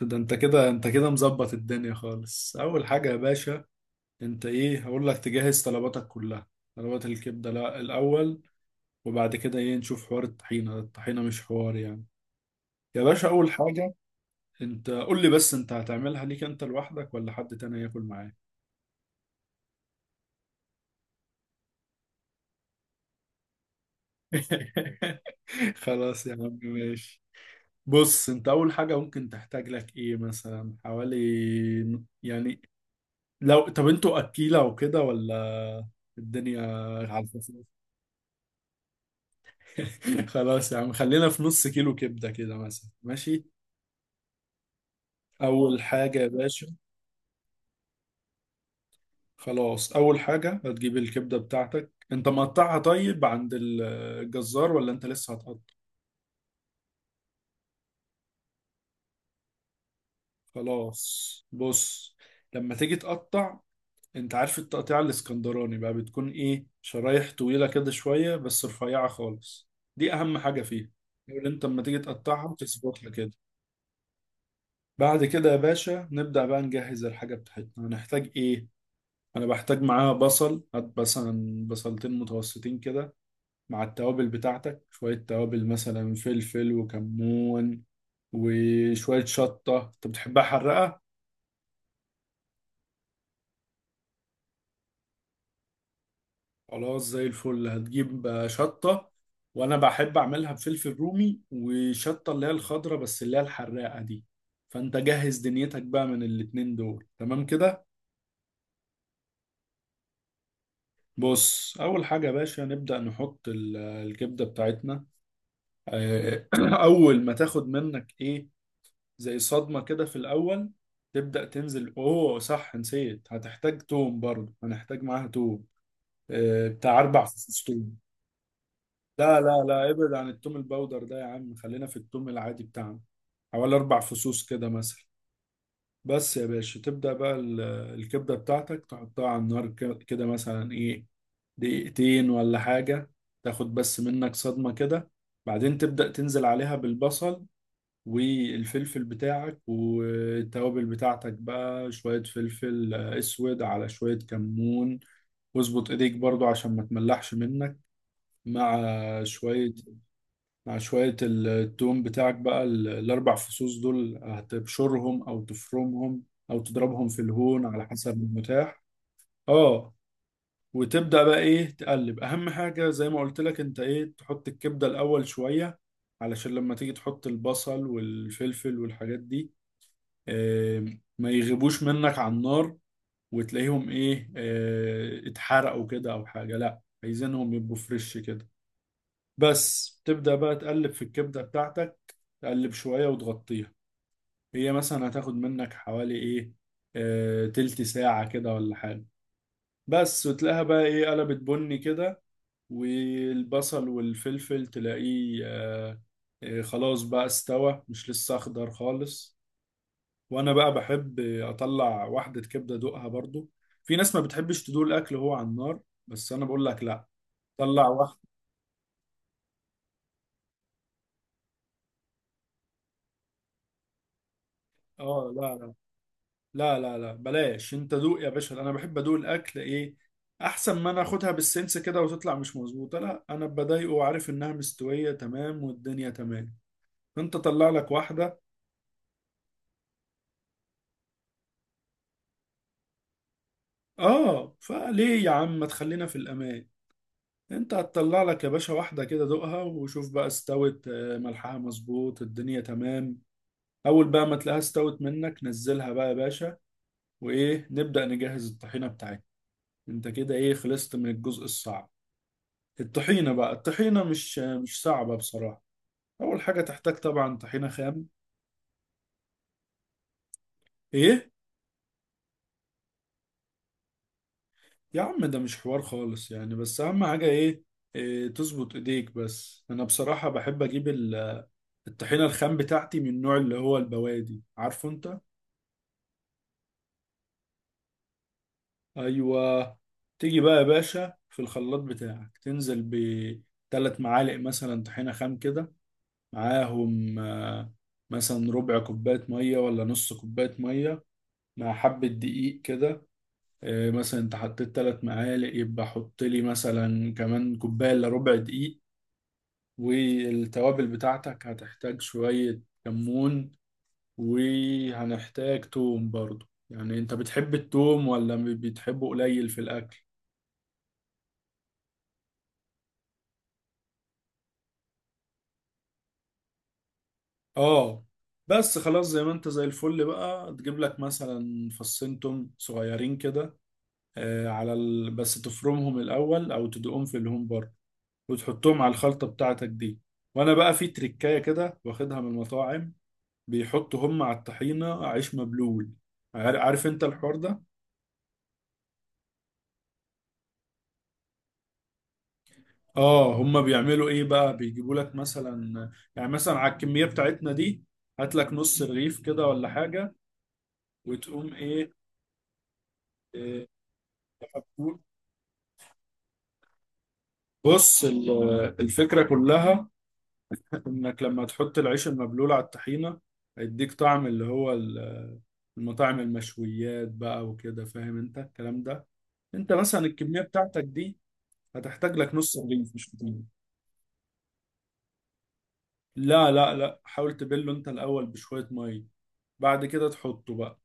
ده انت كده مظبط الدنيا خالص. اول حاجه يا باشا، انت، ايه، هقول لك تجهز طلباتك كلها. طلبات الكبده لا الاول، وبعد كده ايه نشوف حوار الطحينه. الطحينه مش حوار يعني. يا باشا، اول حاجه، انت قول لي بس، انت هتعملها ليك انت لوحدك ولا حد تاني ياكل معاك؟ خلاص يا عم ماشي. بص، انت اول حاجه ممكن تحتاج لك ايه مثلا، حوالي يعني، لو طب انتوا اكيله وكده، ولا الدنيا على الفاصل؟ خلاص يا عم، خلينا في نص كيلو كبدة كده مثلا. ماشي. أول حاجة يا باشا. خلاص، أول حاجة هتجيب الكبدة بتاعتك. أنت مقطعها طيب عند الجزار، ولا أنت لسه هتقطع؟ خلاص بص، لما تيجي تقطع، أنت عارف التقطيع الإسكندراني بقى بتكون إيه، شرايح طويلة كده شوية بس رفيعة خالص. دي أهم حاجة فيها. اللي أنت لما تيجي تقطعها وتظبطها كده. بعد كده يا باشا نبدأ بقى نجهز الحاجة بتاعتنا. هنحتاج إيه؟ انا بحتاج معاها بصل، هات مثلا بصلتين متوسطين كده، مع التوابل بتاعتك، شوية توابل مثلا فلفل وكمون، وشوية شطة، انت بتحبها حرقة. خلاص، زي الفل هتجيب شطة. وانا بحب اعملها بفلفل رومي وشطة اللي هي الخضرة، بس اللي هي الحراقة دي. فانت جهز دنيتك بقى من الاتنين دول. تمام كده. بص، اول حاجة يا باشا نبدأ نحط الكبدة بتاعتنا. آه، اول ما تاخد منك ايه، زي صدمة كده في الأول، تبدأ تنزل. أوه، صح نسيت، هتحتاج توم برضه، هنحتاج معاها توم. بتاع 4 فصوص توم. لا لا لا، ابعد عن التوم البودر ده يا عم، خلينا في التوم العادي بتاعنا. حوالي 4 فصوص كده مثلا. بس يا باشا، تبدأ بقى الكبدة بتاعتك تحطها على النار، كده مثلا، إيه، دقيقتين ولا حاجة، تاخد بس منك صدمة كده. بعدين تبدأ تنزل عليها بالبصل والفلفل بتاعك والتوابل بتاعتك بقى، شوية فلفل اسود على شوية كمون. واظبط ايديك برضو عشان ما تملحش منك، مع شوية مع شوية التوم بتاعك بقى، الأربع فصوص دول هتبشرهم أو تفرمهم أو تضربهم في الهون على حسب المتاح. اه، وتبدأ بقى ايه تقلب. أهم حاجة زي ما قلت لك، انت، ايه، تحط الكبدة الأول شوية، علشان لما تيجي تحط البصل والفلفل والحاجات دي، آه، ما يغيبوش منك على النار، وتلاقيهم ايه، اتحرقوا كده او حاجة. لا، عايزينهم يبقوا فريش كده. بس تبدأ بقى تقلب في الكبدة بتاعتك، تقلب شوية وتغطيها. هي مثلا هتاخد منك حوالي ايه، تلت ساعة كده ولا حاجة. بس، وتلاقيها بقى ايه قلبت بني كده، والبصل والفلفل تلاقيه خلاص بقى استوى، مش لسه اخضر خالص. وانا بقى بحب اطلع واحدة كبدة ادوقها برضو. في ناس ما بتحبش تدوق الاكل وهو على النار، بس انا بقول لك لا، طلع واحدة. اه، لا لا لا لا لا، بلاش، انت دوق يا باشا. انا بحب ادوق الاكل، ايه، احسن ما انا اخدها بالسنس كده وتطلع مش مظبوطة. لا، انا بضايقه وعارف انها مستوية تمام والدنيا تمام. انت طلع لك واحدة. اه، فليه يا عم ما تخلينا في الامان. انت هتطلع لك يا باشا واحدة كده، دوقها وشوف بقى استوت، ملحها مظبوط، الدنيا تمام. اول بقى ما تلاقيها استوت منك، نزلها بقى يا باشا، وايه نبدأ نجهز الطحينة بتاعتنا. انت كده ايه خلصت من الجزء الصعب. الطحينة بقى، الطحينة مش صعبة بصراحة. اول حاجة تحتاج طبعا طحينة خام. ايه، يا عم ده مش حوار خالص يعني، بس اهم حاجة ايه، إيه، تظبط ايديك بس. انا بصراحة بحب اجيب الطحينة الخام بتاعتي من النوع اللي هو البوادي، عارفه انت؟ ايوه. تيجي بقى يا باشا في الخلاط بتاعك تنزل بثلاث معالق مثلا طحينه خام كده، معاهم مثلا ربع كوبايه ميه ولا نص كوبايه ميه، مع حبه دقيق كده. مثلا انت حطيت 3 معالق، يبقى حط لي مثلا كمان كوبايه الا ربع دقيق. والتوابل بتاعتك هتحتاج شويه كمون، وهنحتاج توم برضو. يعني انت بتحب التوم ولا بتحبه قليل في الاكل؟ اه، بس خلاص زي ما انت زي الفل بقى، تجيب لك مثلا فصين توم صغيرين كده، بس تفرمهم الاول او تدقهم في الهوم بار، وتحطهم على الخلطه بتاعتك دي. وانا بقى في تريكايه كده واخدها من المطاعم، بيحطوا هم على الطحينه عيش مبلول. عارف انت الحوار ده؟ اه، هم بيعملوا ايه بقى، بيجيبوا لك مثلا على الكميه بتاعتنا دي، هات لك نص رغيف كده ولا حاجه، وتقوم ايه، إيه بص الفكرة كلها إنك لما تحط العيش المبلول على الطحينة، هيديك طعم اللي هو المطاعم، المشويات بقى وكده، فاهم أنت الكلام ده. أنت مثلا الكمية بتاعتك دي هتحتاج لك نص رغيف، مش كتير. لا لا لا، حاول تبله أنت الأول بشوية مية، بعد كده تحطه بقى.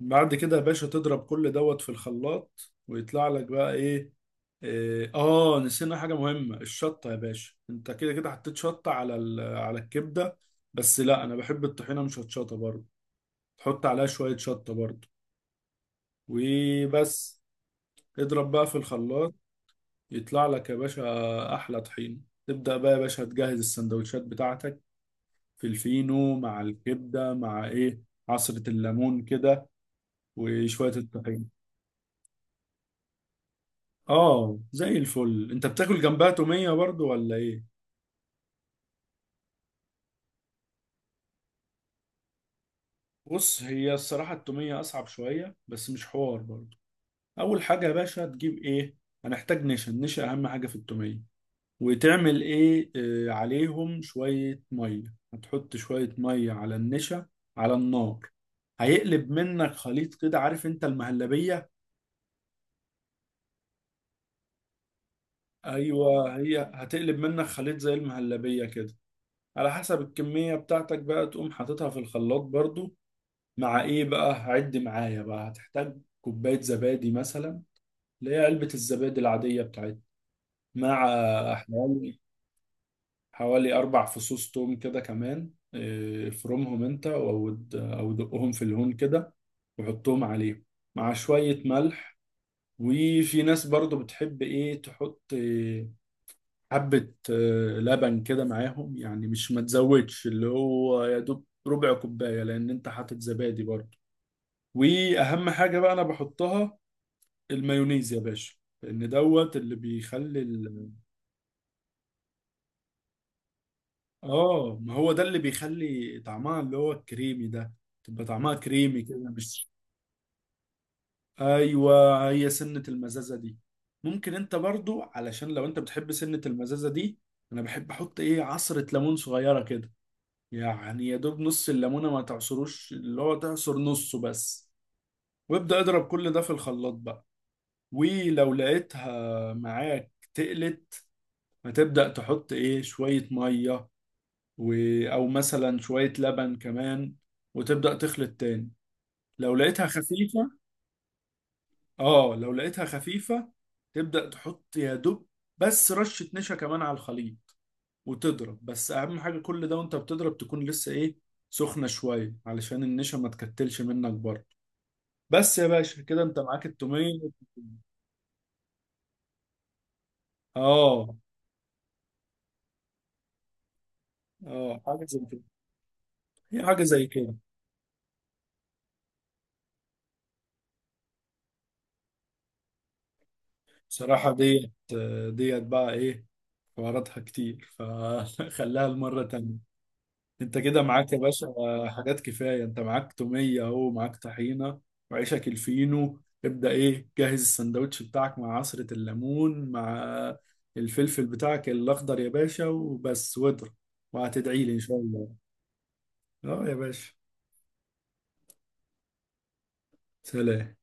بعد كده يا باشا تضرب كل دوت في الخلاط، ويطلع لك بقى ايه، اه، نسينا حاجة مهمة، الشطة يا باشا. انت كده كده حطيت شطة على على الكبدة، بس لا، انا بحب الطحينة مش هتشطة برضه، تحط عليها شوية شطة برضه وبس. اضرب بقى في الخلاط، يطلع لك يا باشا احلى طحينة. تبدأ بقى يا باشا تجهز السندوتشات بتاعتك في الفينو، مع الكبدة، مع ايه، عصرة الليمون كده، وشوية الطحينة. اه، زي الفل. انت بتاكل جنبها تومية برضو ولا ايه؟ بص، هي الصراحة التومية اصعب شوية، بس مش حوار برضو. اول حاجة يا باشا تجيب ايه، هنحتاج نشا. النشا اهم حاجة في التومية. وتعمل ايه، عليهم شوية مية، هتحط شوية مية على النشا على النار. هيقلب منك خليط كده، عارف انت المهلبية؟ ايوه، هي هتقلب منك خليط زي المهلبية كده. على حسب الكمية بتاعتك بقى تقوم حاططها في الخلاط برضو، مع ايه بقى، عد معايا بقى، هتحتاج كوباية زبادي مثلا، اللي هي علبة الزبادي العادية بتاعتنا، مع حوالي 4 فصوص توم كده كمان. افرمهم أنت، أو أو دقهم في الهون كده وحطهم عليه، مع شوية ملح. وفي ناس برضو بتحب إيه تحط حبة لبن كده معاهم، يعني مش ما تزودش، اللي هو يا دوب ربع كوباية، لأن أنت حاطط زبادي برضو. واهم حاجه بقى انا بحطها المايونيز يا باشا، لان دوت اللي بيخلي ال... اه، ما هو ده اللي بيخلي طعمها اللي هو الكريمي ده. تبقى طعمها كريمي كده، مش، ايوه، هي سنة المزازة دي. ممكن انت برضو، علشان لو انت بتحب سنة المزازة دي، انا بحب احط ايه، عصرة ليمون صغيرة كده، يعني يا دوب نص الليمونة ما تعصروش، اللي هو تعصر نصه بس. وابدأ اضرب كل ده في الخلاط بقى. ولو لقيتها معاك تقلت، هتبدأ تحط ايه، شوية مية، و... او مثلا شوية لبن كمان، وتبدأ تخلط تاني لو لقيتها خفيفة. اه، لو لقيتها خفيفة، تبدأ تحط يا دوب بس رشة نشا كمان على الخليط، وتضرب. بس اهم حاجة كل ده وانت بتضرب، تكون لسه ايه، سخنة شوية، علشان النشا ما تكتلش منك برضه. بس يا باشا كده انت معاك التومية. اه، اه، حاجة زي كده. هي حاجة زي كده. صراحة ديت بقى ايه، حواراتها كتير فخليها المرة تانية. انت كده معاك يا باشا حاجات كفايه، انت معاك توميه اهو، معاك طحينه، وعيشك الفينو، ابدا ايه جهز السندوتش بتاعك، مع عصره الليمون، مع الفلفل بتاعك الاخضر يا باشا، وبس، واضرب، وهتدعي لي ان شاء الله. اه يا باشا. سلام.